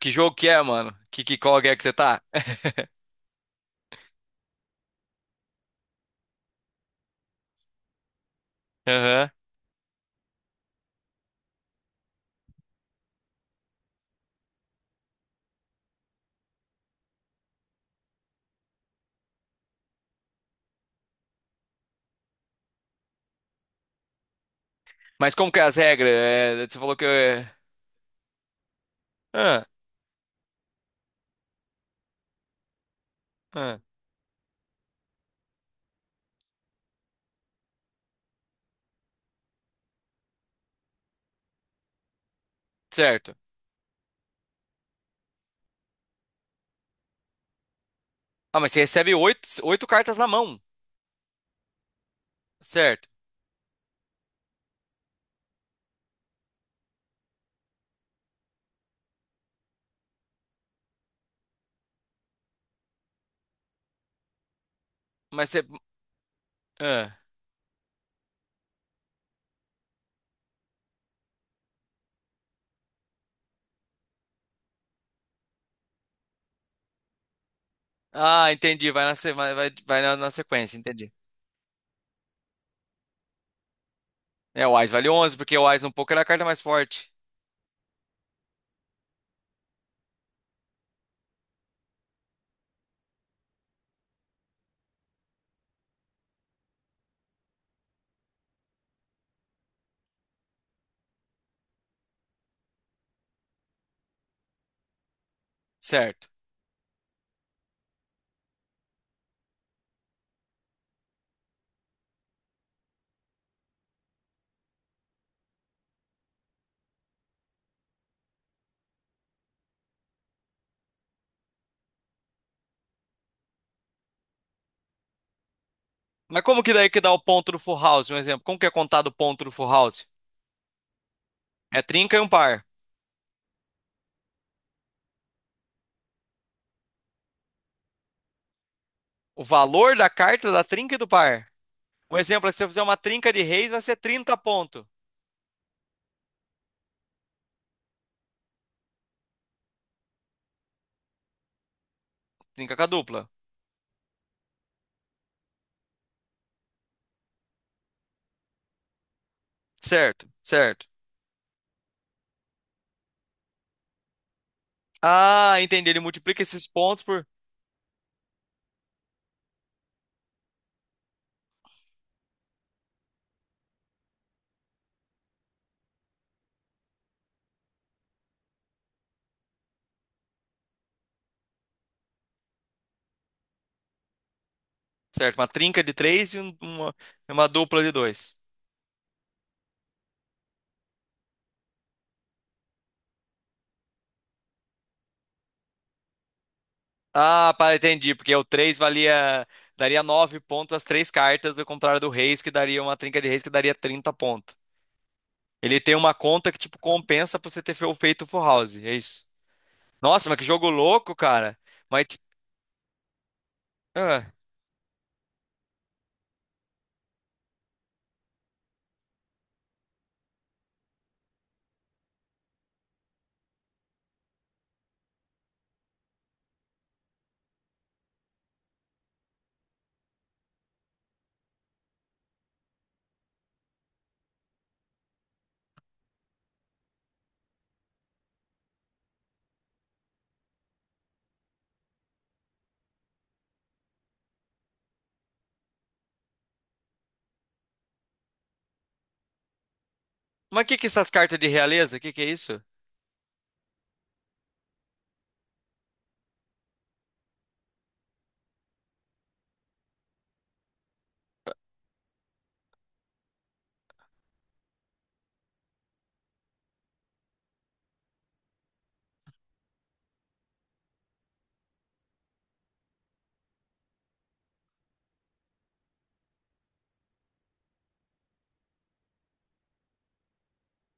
Que jogo que é, mano? Que qual é que você tá? Aham. Mas como que é as regras? É, você falou que. Ah, ah, certo. Ah, mas você recebe oito cartas na mão. Certo. Mas você. Ah, Ah, entendi. Vai na, se- vai, vai, vai na sequência, entendi. É, o Ás vale 11 porque o Ás no poker é a carta mais forte. Certo. Mas como que daí que dá o ponto do full house? Um exemplo. Como que é contado o ponto do full house? É trinca e um par. O valor da carta é da trinca e do par. Um exemplo, é se eu fizer uma trinca de reis, vai ser 30 pontos. Trinca a dupla. Certo, certo. Ah, entendi. Ele multiplica esses pontos por. Certo, uma trinca de 3 e uma dupla de 2. Ah, pá, entendi. Porque o 3 valia. Daria 9 pontos as três cartas, ao contrário do Reis, que daria uma trinca de Reis que daria 30 pontos. Ele tem uma conta que, tipo, compensa pra você ter feito o Full House. É isso. Nossa, mas que jogo louco, cara. Mas. ti- Ah, mas que essas cartas de realeza? Que é isso?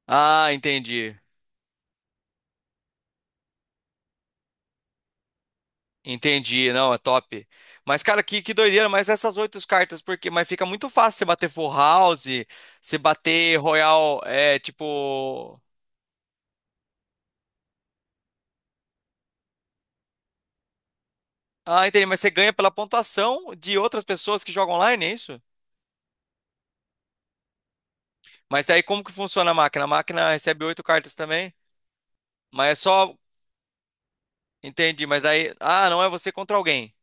Ah, entendi. Entendi, não, é top. Mas, cara, que doideira, mas essas oito cartas, porque, mas fica muito fácil você bater Full House, você bater Royal, é, tipo. Ah, entendi, mas você ganha pela pontuação de outras pessoas que jogam online, é isso? Mas aí como que funciona a máquina? A máquina recebe oito cartas também, mas é só. Entendi, mas aí. Ah, não é você contra alguém.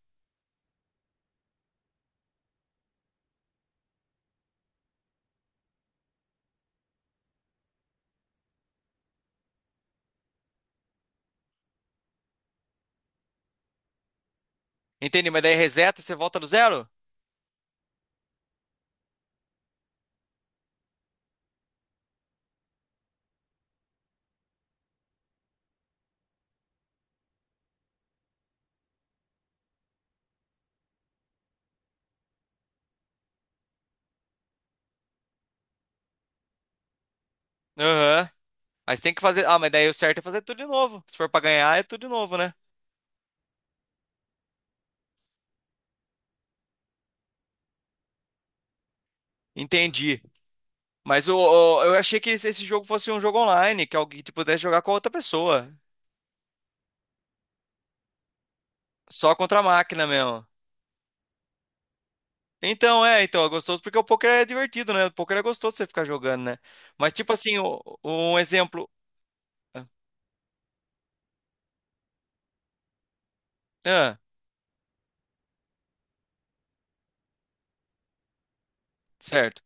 Entendi, mas daí reseta, você volta do zero? Aham. Mas tem que fazer. Ah, mas daí o certo é fazer tudo de novo. Se for pra ganhar, é tudo de novo, né? Entendi. Mas eu achei que esse jogo fosse um jogo online, que alguém que pudesse jogar com outra pessoa. Só contra a máquina mesmo. Então, é gostoso porque o poker é divertido, né? O poker é gostoso você ficar jogando, né? Mas, tipo assim, um exemplo. Ah, ah, certo.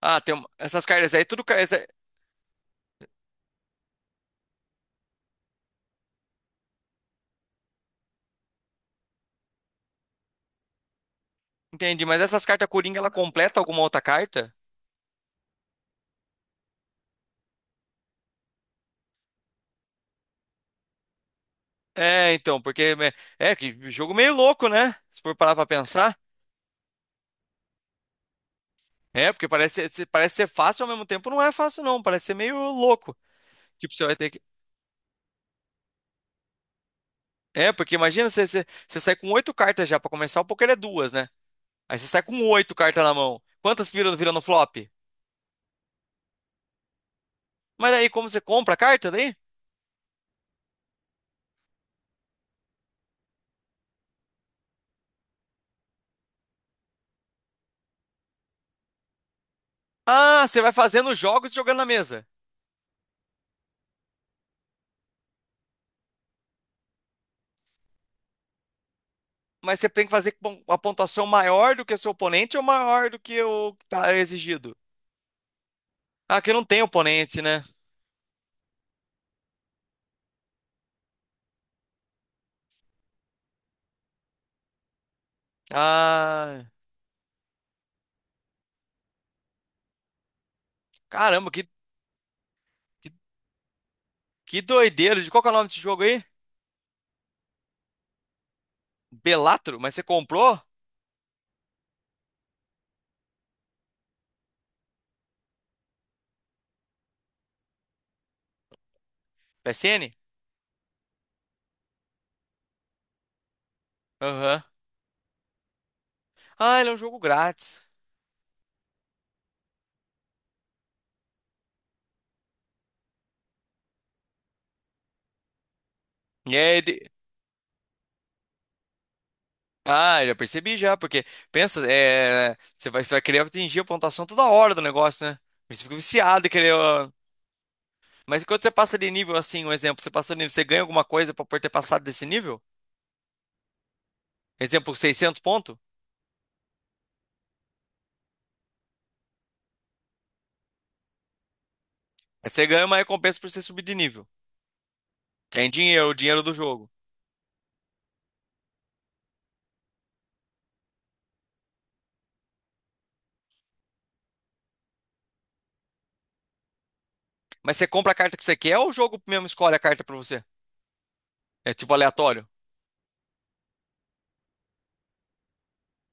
Ah, essas cartas aí, tudo. Entendi, mas essas cartas Coringa, ela completa alguma outra carta? É, então, porque. É, que jogo meio louco, né? Se for parar pra pensar. É, porque parece ser fácil ao mesmo tempo, não é fácil, não. Parece ser meio louco. Tipo, você vai ter que. É, porque imagina você, você sai com oito cartas já. Pra começar, o poker é duas, né? Aí você sai com oito cartas na mão. Quantas viram no flop? Mas aí, como você compra a carta daí? Ah, você vai fazendo os jogos e jogando na mesa. Mas você tem que fazer com a pontuação maior do que o seu oponente ou maior do que o que tá exigido. Ah, que não tem oponente, né? Ah, caramba, que, que doideira. De qual que é o nome desse jogo aí? Belatro? Mas você comprou? PSN? Aham. Ah, ele é um jogo grátis. E aí. Ah, já percebi já, porque pensa, você vai querer atingir a pontuação toda hora do negócio, né? Você fica viciado em querer. Ó. Mas quando você passa de nível assim, um exemplo, você passou de nível, você ganha alguma coisa por ter passado desse nível? Exemplo, 600 pontos? Aí você ganha uma recompensa por você subir de nível. Que é em dinheiro, o dinheiro do jogo. Mas você compra a carta que você quer ou o jogo mesmo escolhe a carta pra você? É tipo aleatório?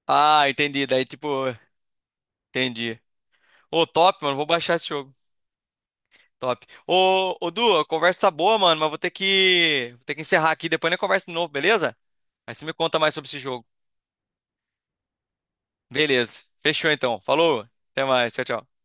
Ah, entendi. Daí tipo, entendi. Ô, top, mano, vou baixar esse jogo. Top. Ô Du, a conversa tá boa, mano, mas vou ter que encerrar aqui. Depois a conversa de novo, beleza? Aí você me conta mais sobre esse jogo. Beleza. Fechou então. Falou. Até mais. Tchau, tchau.